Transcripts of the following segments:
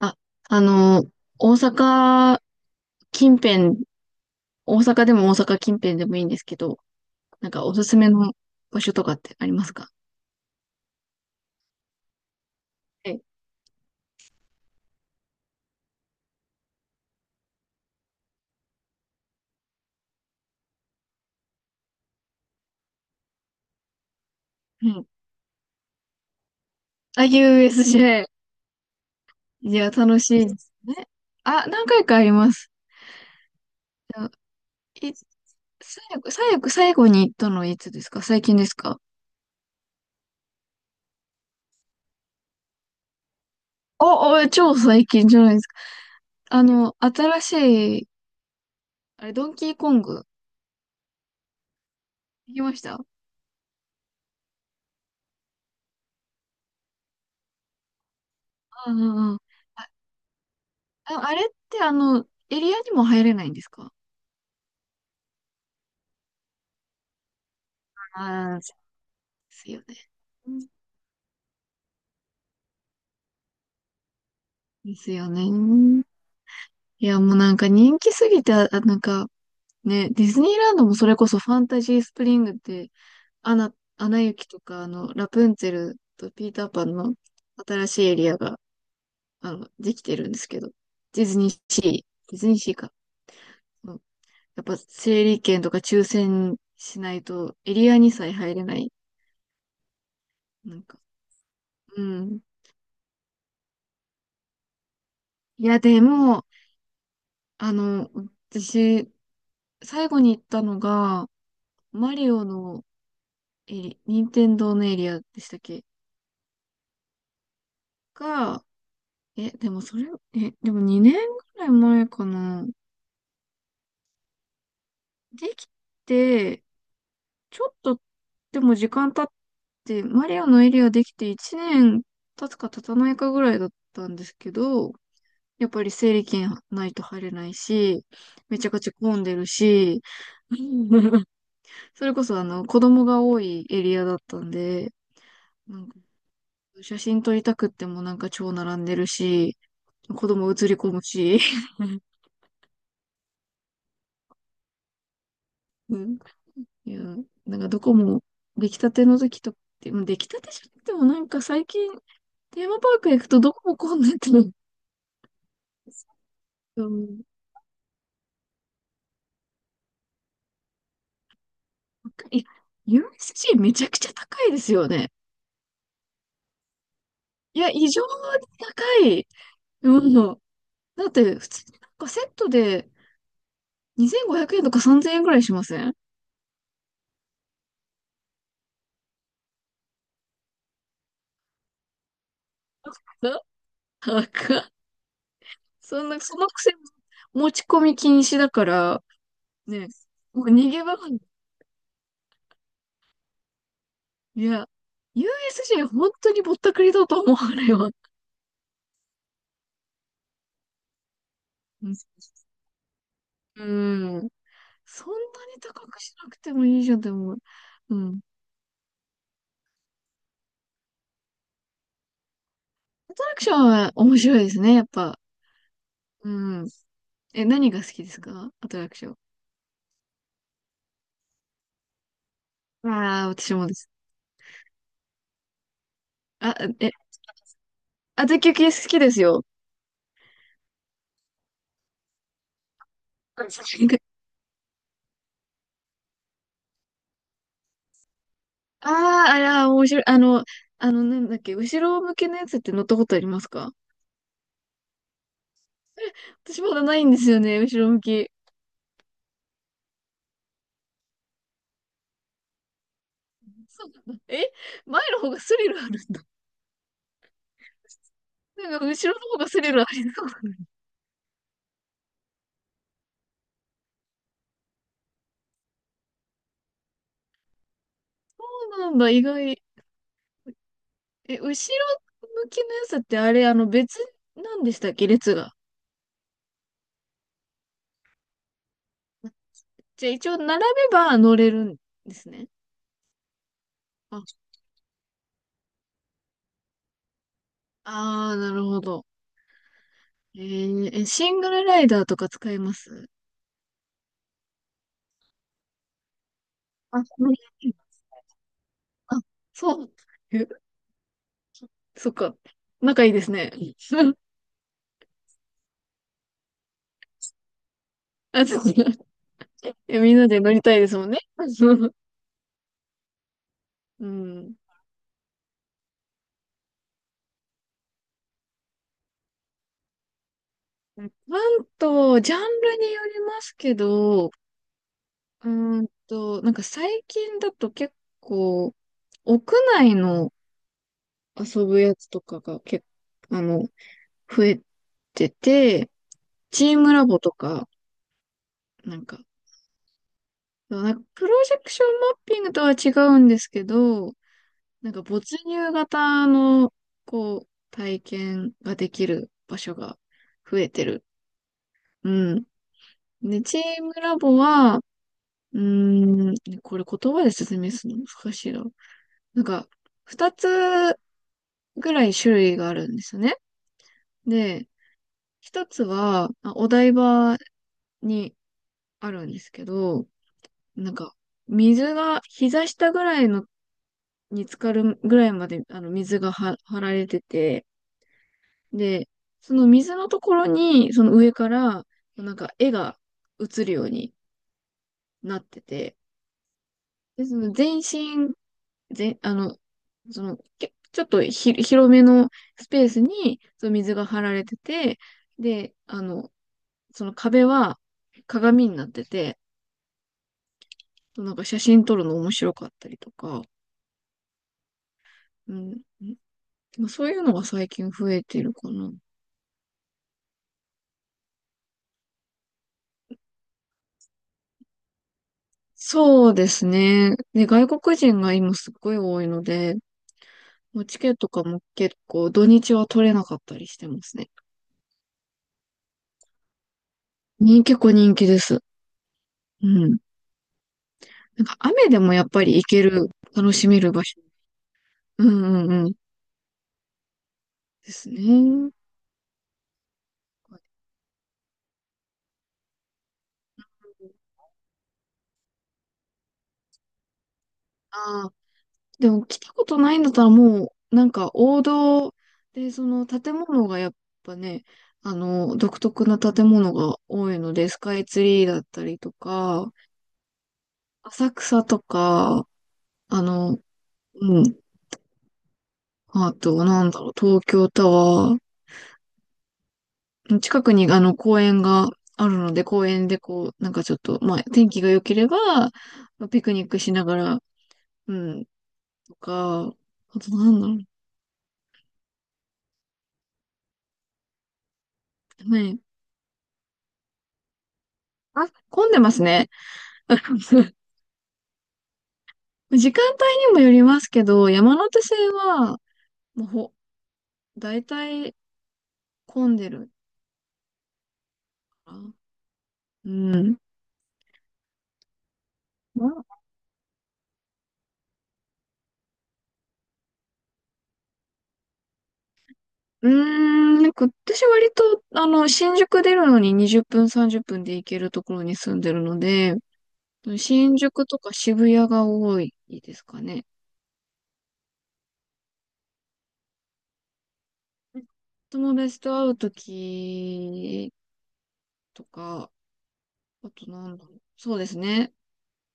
あ、あの、大阪近辺、大阪でも大阪近辺でもいいんですけど、なんかおすすめの場所とかってありますか？はい。うん。あ、USJ。いや、楽しいですね。あ、何回かあります。あい、最後に行ったのはいつですか？最近ですか？超最近じゃないですか。新しい、ドンキーコング、行きました？うんうんうん。あ、あれってエリアにも入れないんですか？ああ、そうですよね。うん、ですよね。いや、もうなんか人気すぎて、なんかね、ディズニーランドもそれこそファンタジースプリングって、アナ、アナ雪とか、ラプンツェルとピーターパンの新しいエリアが、できてるんですけど、ディズニーシー、ディズニーシーか。うん、やっぱ整理券とか抽選しないとエリアにさえ入れない。なんか、うん。いや、でも、あの、私、最後に行ったのが、マリオの、任天堂のエリアでしたっけが、でもそれ、でも2年ぐらい前かな。できて、ちょっと、でも時間経って、マリオのエリアできて1年経つか経たないかぐらいだったんですけど、やっぱり整理券ないと入れないし、めちゃくちゃ混んでるし、それこそ子供が多いエリアだったんで、なんか写真撮りたくってもなんか超並んでるし、子供映り込むし、うん。いや、なんかどこも出来たての時とか、でも出来たてじゃなくてもなんか最近テーマパーク行くとどこも混んでて、うん、高い、いや、USC めちゃくちゃ高いですよね。いや、異常に高い。うん。だって普通になんかセットで2500円とか3000円ぐらいしません？な高っ。そんな、そのくせ持ち込み禁止だから、ね、もう逃げ場が。いや、USJ 本当にぼったくりだと思われよ。うん。うん、そんなに高くしなくてもいいじゃん、でも。うん。アトラクションは面白いですね、やっぱ。うん。何が好きですか、アトラクション？ああ、私もです。あ、え、あたきゅき好きですよ。ああー、あら、面白い。なんだっけ、後ろ向きのやつって乗ったことありますか？私まだないんですよね、後ろ向き。そうなんだ。前の方がスリルある。なんか後ろの方がスリルありそう。そうなんだ、意外。後ろ向きのやつってあれ、別なんでしたっけ、列が。じゃあ一応並べば乗れるんですね。あ、なるほど。えーえ、シングルライダーとか使えます？あ、それあ、そう。え、そっか。仲いいですね。あ、そう。みんなで乗りたいですもんね。うん。関東、ジャンルによりますけど、うなんか最近だと結構、屋内の遊ぶやつとかが結構、増えてて、チームラボとか、なんか、なんかプロジェクションマッピングとは違うんですけど、なんか没入型の、こう、体験ができる場所が増えてる。うん。で、チームラボは、うーん、これ言葉で説明するの難しいな。なんか、二つぐらい種類があるんですよね。で、一つは、まあお台場にあるんですけど、なんか、水が、膝下ぐらいの、に浸かるぐらいまで、水がは張られてて、で、その水のところに、その上から、なんか、絵が映るようになってて、で、その全身、全、あの、その、ちょっと広めのスペースに、その水が張られてて、で、その壁は鏡になってて、なんか写真撮るの面白かったりとか、うん、まあそういうのが最近増えてるかな。そうですね。ね、外国人が今すっごい多いので、もうチケットとかも結構土日は取れなかったりしてますね。結構人気です。うん。なんか雨でもやっぱり行ける、楽しめる場所。うんうんうん。ですね。あでも来たことないんだったらもう、なんか王道で、その建物がやっぱね、独特な建物が多いので、スカイツリーだったりとか、浅草とか、あの、うん、あと、なんだろう、東京タワー、近くにあの公園があるので、公園でこう、なんかちょっと、まあ、天気が良ければ、ピクニックしながら、うん、とか、あとなんだろう、ね。あ、混んでますね。時間帯にもよりますけど、山手線は、もう大体混んでるかな。うん。まあ、うーなんか私割と、新宿出るのに20分、30分で行けるところに住んでるので、新宿とか渋谷が多いですかね。友達と会うときとか、あとなんだろう。そうですね。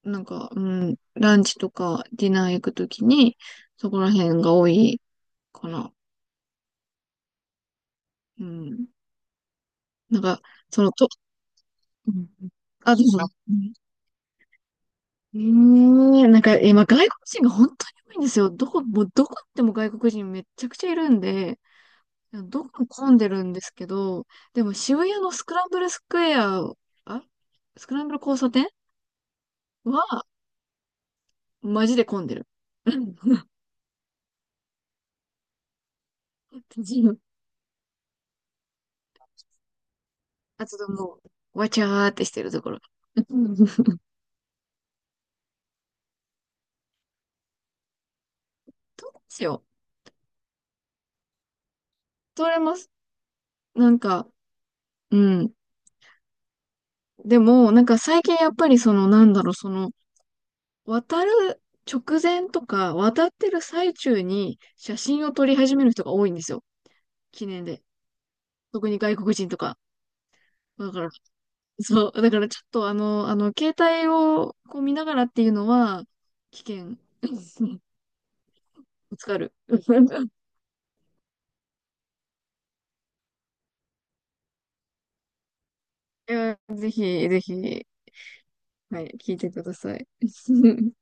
なんか、うん、ランチとかディナー行くときに、そこら辺が多いかな。うん。なんか、その、と、うんうん、あ、どうぞ。うん、なんか今外国人が本当に多いんですよ。もうどこ行っても外国人めっちゃくちゃいるんで、どこも混んでるんですけど、でも渋谷のスクランブルスクエア、あ、スクランブル交差点は、マジで混んでる。うん。 あとでもわちゃーってしてるところ。うん、どうしよう。通れます。なんか、うん。でも、なんか最近やっぱりその、なんだろう、その、渡る直前とか、渡ってる最中に写真を撮り始める人が多いんですよ。記念で。特に外国人とか。だから、そう、だからちょっと携帯をこう見ながらっていうのは、危険。ぶつかる。いや、ぜひ、ぜひ、はい、聞いてください。